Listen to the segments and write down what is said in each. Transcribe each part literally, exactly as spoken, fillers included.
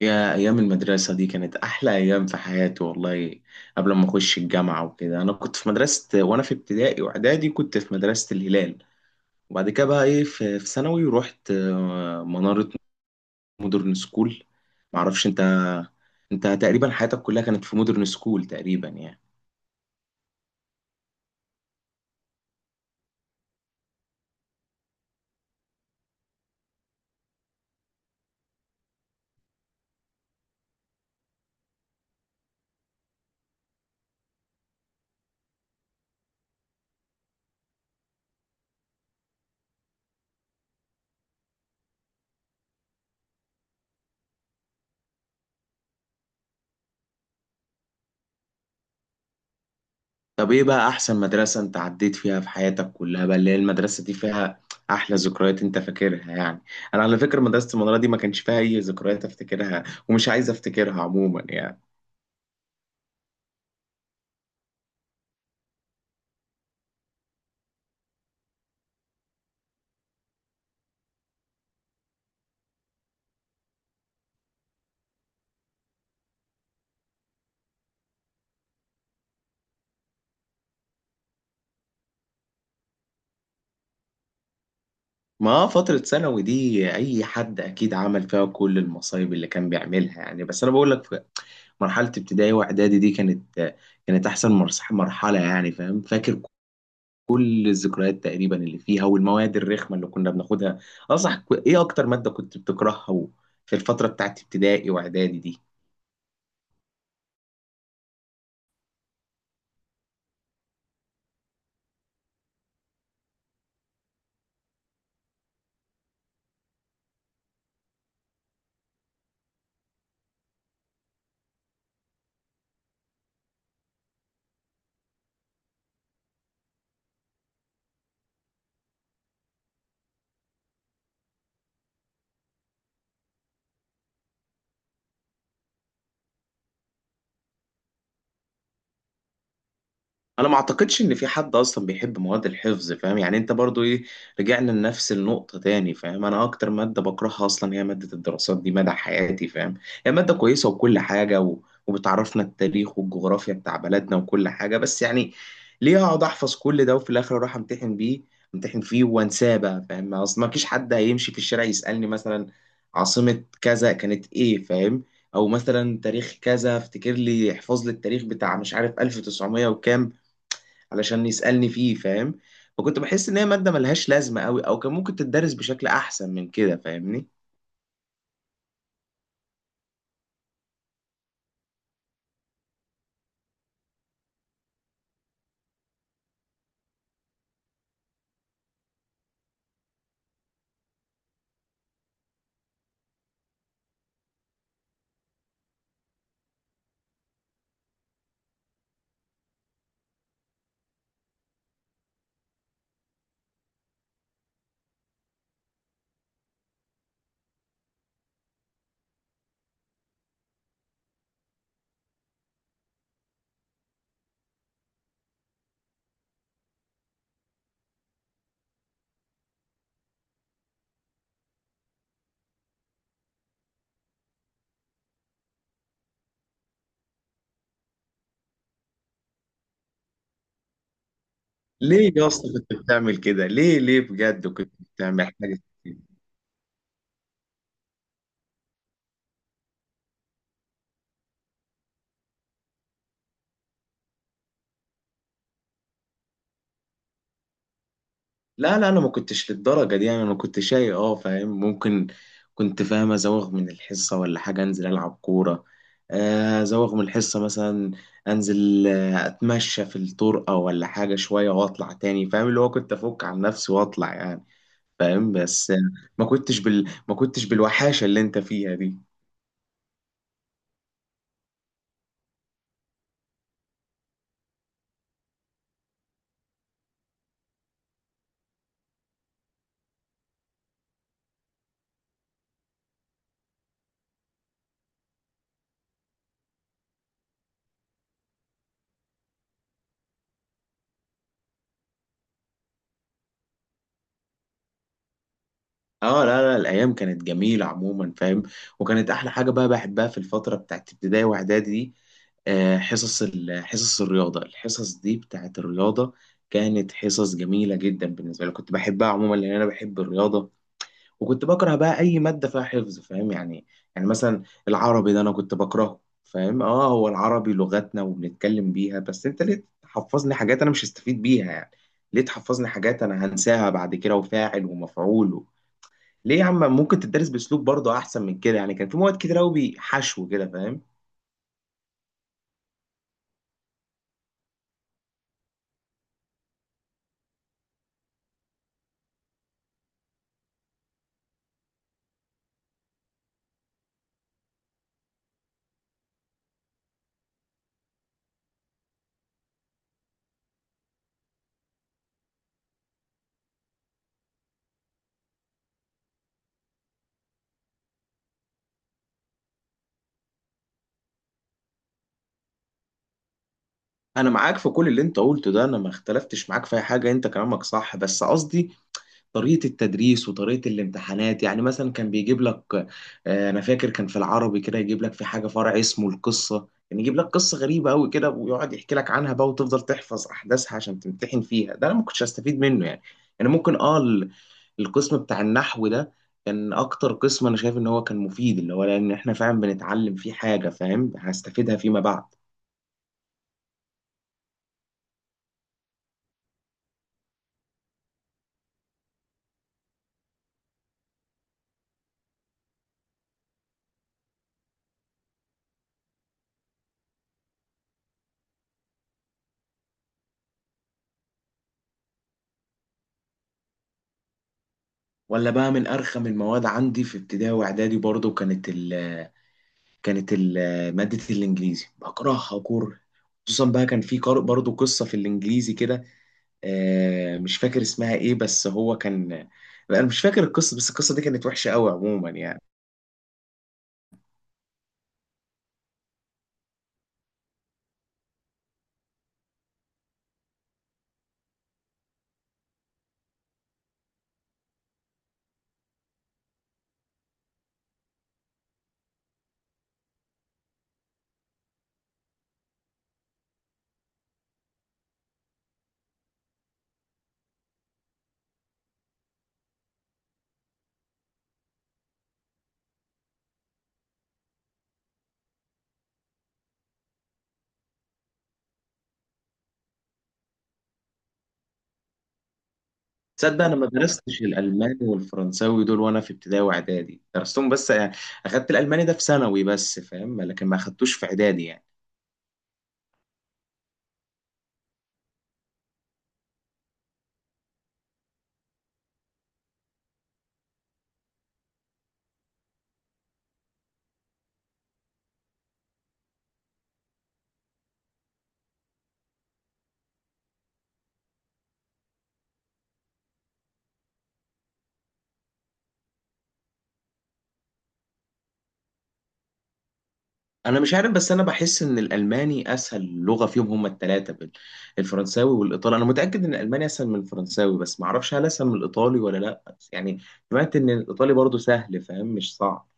يا أيام المدرسة دي كانت أحلى أيام في حياتي والله. قبل ما أخش الجامعة وكده، أنا كنت في مدرسة، وأنا في ابتدائي وإعدادي كنت في مدرسة الهلال. وبعد كده بقى إيه، في في ثانوي رحت آه، منارة مودرن سكول. معرفش أنت أنت تقريبا حياتك كلها كانت في مودرن سكول تقريبا يعني. طب إيه بقى أحسن مدرسة أنت عديت فيها في حياتك كلها بقى، اللي هي المدرسة دي فيها أحلى ذكريات أنت فاكرها يعني؟ أنا على فكرة مدرسة المنارة دي ما كانش فيها أي ذكريات أفتكرها، ومش عايز أفتكرها عموما يعني. ما فترة ثانوي دي أي حد أكيد عمل فيها كل المصايب اللي كان بيعملها يعني، بس أنا بقول لك في مرحلة ابتدائي وإعدادي دي، كانت كانت أحسن مرس- مرحلة يعني، فاهم؟ فاكر كل الذكريات تقريبا اللي فيها والمواد الرخمة اللي كنا بناخدها. أصح إيه أكتر مادة كنت بتكرهها في الفترة بتاعت ابتدائي وإعدادي دي؟ انا ما اعتقدش ان في حد اصلا بيحب مواد الحفظ، فاهم يعني؟ انت برضو ايه، رجعنا لنفس النقطة تاني، فاهم؟ انا اكتر مادة بكرهها اصلا هي مادة الدراسات دي مدى حياتي، فاهم؟ هي مادة كويسة وكل حاجة و... وبتعرفنا التاريخ والجغرافيا بتاع بلدنا وكل حاجة، بس يعني ليه اقعد احفظ كل ده وفي الاخر اروح امتحن بيه امتحن فيه وانساه بقى، فاهم؟ اصل ما فيش حد هيمشي في الشارع يسألني مثلا عاصمة كذا كانت ايه، فاهم؟ او مثلا تاريخ كذا افتكر لي احفظ لي التاريخ بتاع مش عارف ألف وتسعمية وكام علشان يسألني فيه، فاهم؟ فكنت بحس ان هي مادة ملهاش لازمة قوي، او كان ممكن تدرس بشكل احسن من كده فاهمني. ليه يا اسطى كنت بتعمل كده؟ ليه ليه بجد كنت بتعمل حاجة كده؟ لا لا، انا ما كنتش للدرجة دي يعني. انا كنت شاي اه، فاهم؟ ممكن كنت، فاهم، ازوغ من الحصة ولا حاجة، انزل العب كورة. آه، ازوغ من الحصة مثلا، انزل آه، اتمشى في الطرقة ولا حاجة شوية واطلع تاني، فاهم اللي هو كنت افك عن نفسي واطلع يعني، فاهم؟ بس ما كنتش بال... ما كنتش بالوحاشه اللي انت فيها دي. اه لا لا، الايام كانت جميله عموما، فاهم؟ وكانت احلى حاجه بقى بحبها في الفتره بتاعت ابتدائي واعدادي دي آه، حصص ال- حصص الرياضه، الحصص دي بتاعت الرياضه كانت حصص جميله جدا بالنسبه لي، كنت بحبها عموما لان انا بحب الرياضه. وكنت بكره بقى اي ماده فيها حفظ، فاهم يعني يعني مثلا العربي ده انا كنت بكرهه، فاهم؟ اه هو العربي لغتنا وبنتكلم بيها، بس انت ليه تحفظني حاجات انا مش هستفيد بيها يعني؟ ليه تحفظني حاجات انا هنساها بعد كده، وفاعل ومفعول و... ليه يا عم؟ ممكن تدرس باسلوب برضه احسن من كده يعني، كان في مواد كتير قوي حشو كده، فاهم. انا معاك في كل اللي انت قلته ده، انا ما اختلفتش معاك في اي حاجه، انت كلامك صح، بس قصدي طريقة التدريس وطريقة الامتحانات. يعني مثلا كان بيجيب لك آه، أنا فاكر كان في العربي كده يجيب لك في حاجة فرع اسمه القصة، يعني يجيب لك قصة غريبة أوي كده ويقعد يحكي لك عنها بقى وتفضل تحفظ أحداثها عشان تمتحن فيها، ده أنا ما كنتش هستفيد منه يعني يعني ممكن أه ال- القسم بتاع النحو ده كان أكتر قسم أنا شايف إن هو كان مفيد، اللي هو لأن إحنا فعلا بنتعلم فيه حاجة، فاهم، هستفيدها فيما بعد. ولا بقى من أرخم المواد عندي في ابتدائي وإعدادي برضو، كانت كانت ال- مادة الإنجليزي، بكرهها كره. خصوصا بقى كان في قار- برضه قصة في الإنجليزي كده، آه، مش فاكر اسمها إيه، بس هو كان، أنا مش فاكر القصة، بس القصة دي كانت وحشة قوي عموما يعني. تصدق أنا ما درستش الألماني والفرنساوي دول وأنا في ابتدائي وإعدادي، درستهم بس آه، أخدت الألماني ده في ثانوي بس، فاهم، لكن ما أخدتوش في إعدادي يعني. انا مش عارف، بس انا بحس ان الالماني اسهل لغه فيهم هما الثلاثه، الفرنساوي والايطالي. انا متاكد ان الالماني اسهل من الفرنساوي، بس ما اعرفش هل اسهل من الايطالي ولا لا، بس يعني سمعت ان الايطالي برضو سهل، فاهم، مش صعب.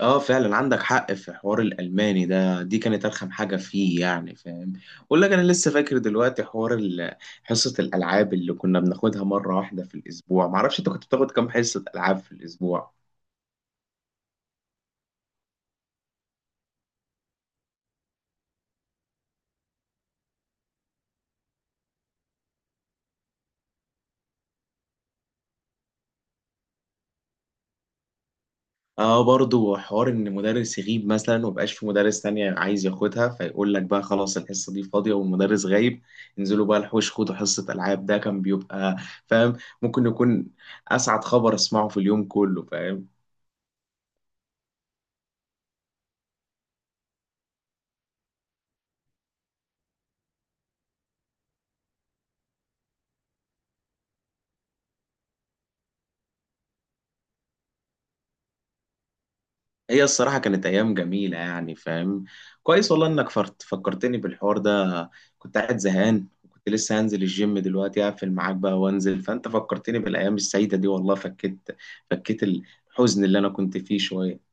اه فعلا عندك حق، في حوار الالماني ده دي كانت ارخم حاجه فيه يعني، فاهم؟ اقول لك انا لسه فاكر دلوقتي حوار ال- حصه الالعاب اللي كنا بناخدها مره واحده في الاسبوع. ما اعرفش انت كنت بتاخد كام حصه العاب في الاسبوع؟ اه برضو حوار ان مدرس يغيب مثلا ومبقاش في مدرس تانية عايز ياخدها، فيقول لك بقى خلاص الحصة دي فاضية والمدرس غايب، انزلوا بقى الحوش خدوا حصة ألعاب. ده كان بيبقى، فاهم، ممكن يكون أسعد خبر أسمعه في اليوم كله، فاهم. هي الصراحة كانت أيام جميلة يعني، فاهم؟ كويس والله إنك فرت- فكرتني بالحوار ده. كنت قاعد زهقان وكنت لسه هنزل الجيم دلوقتي، هقفل معاك بقى وانزل، فأنت فكرتني بالأيام السعيدة دي والله، فكيت فكيت الحزن اللي أنا كنت فيه شوية.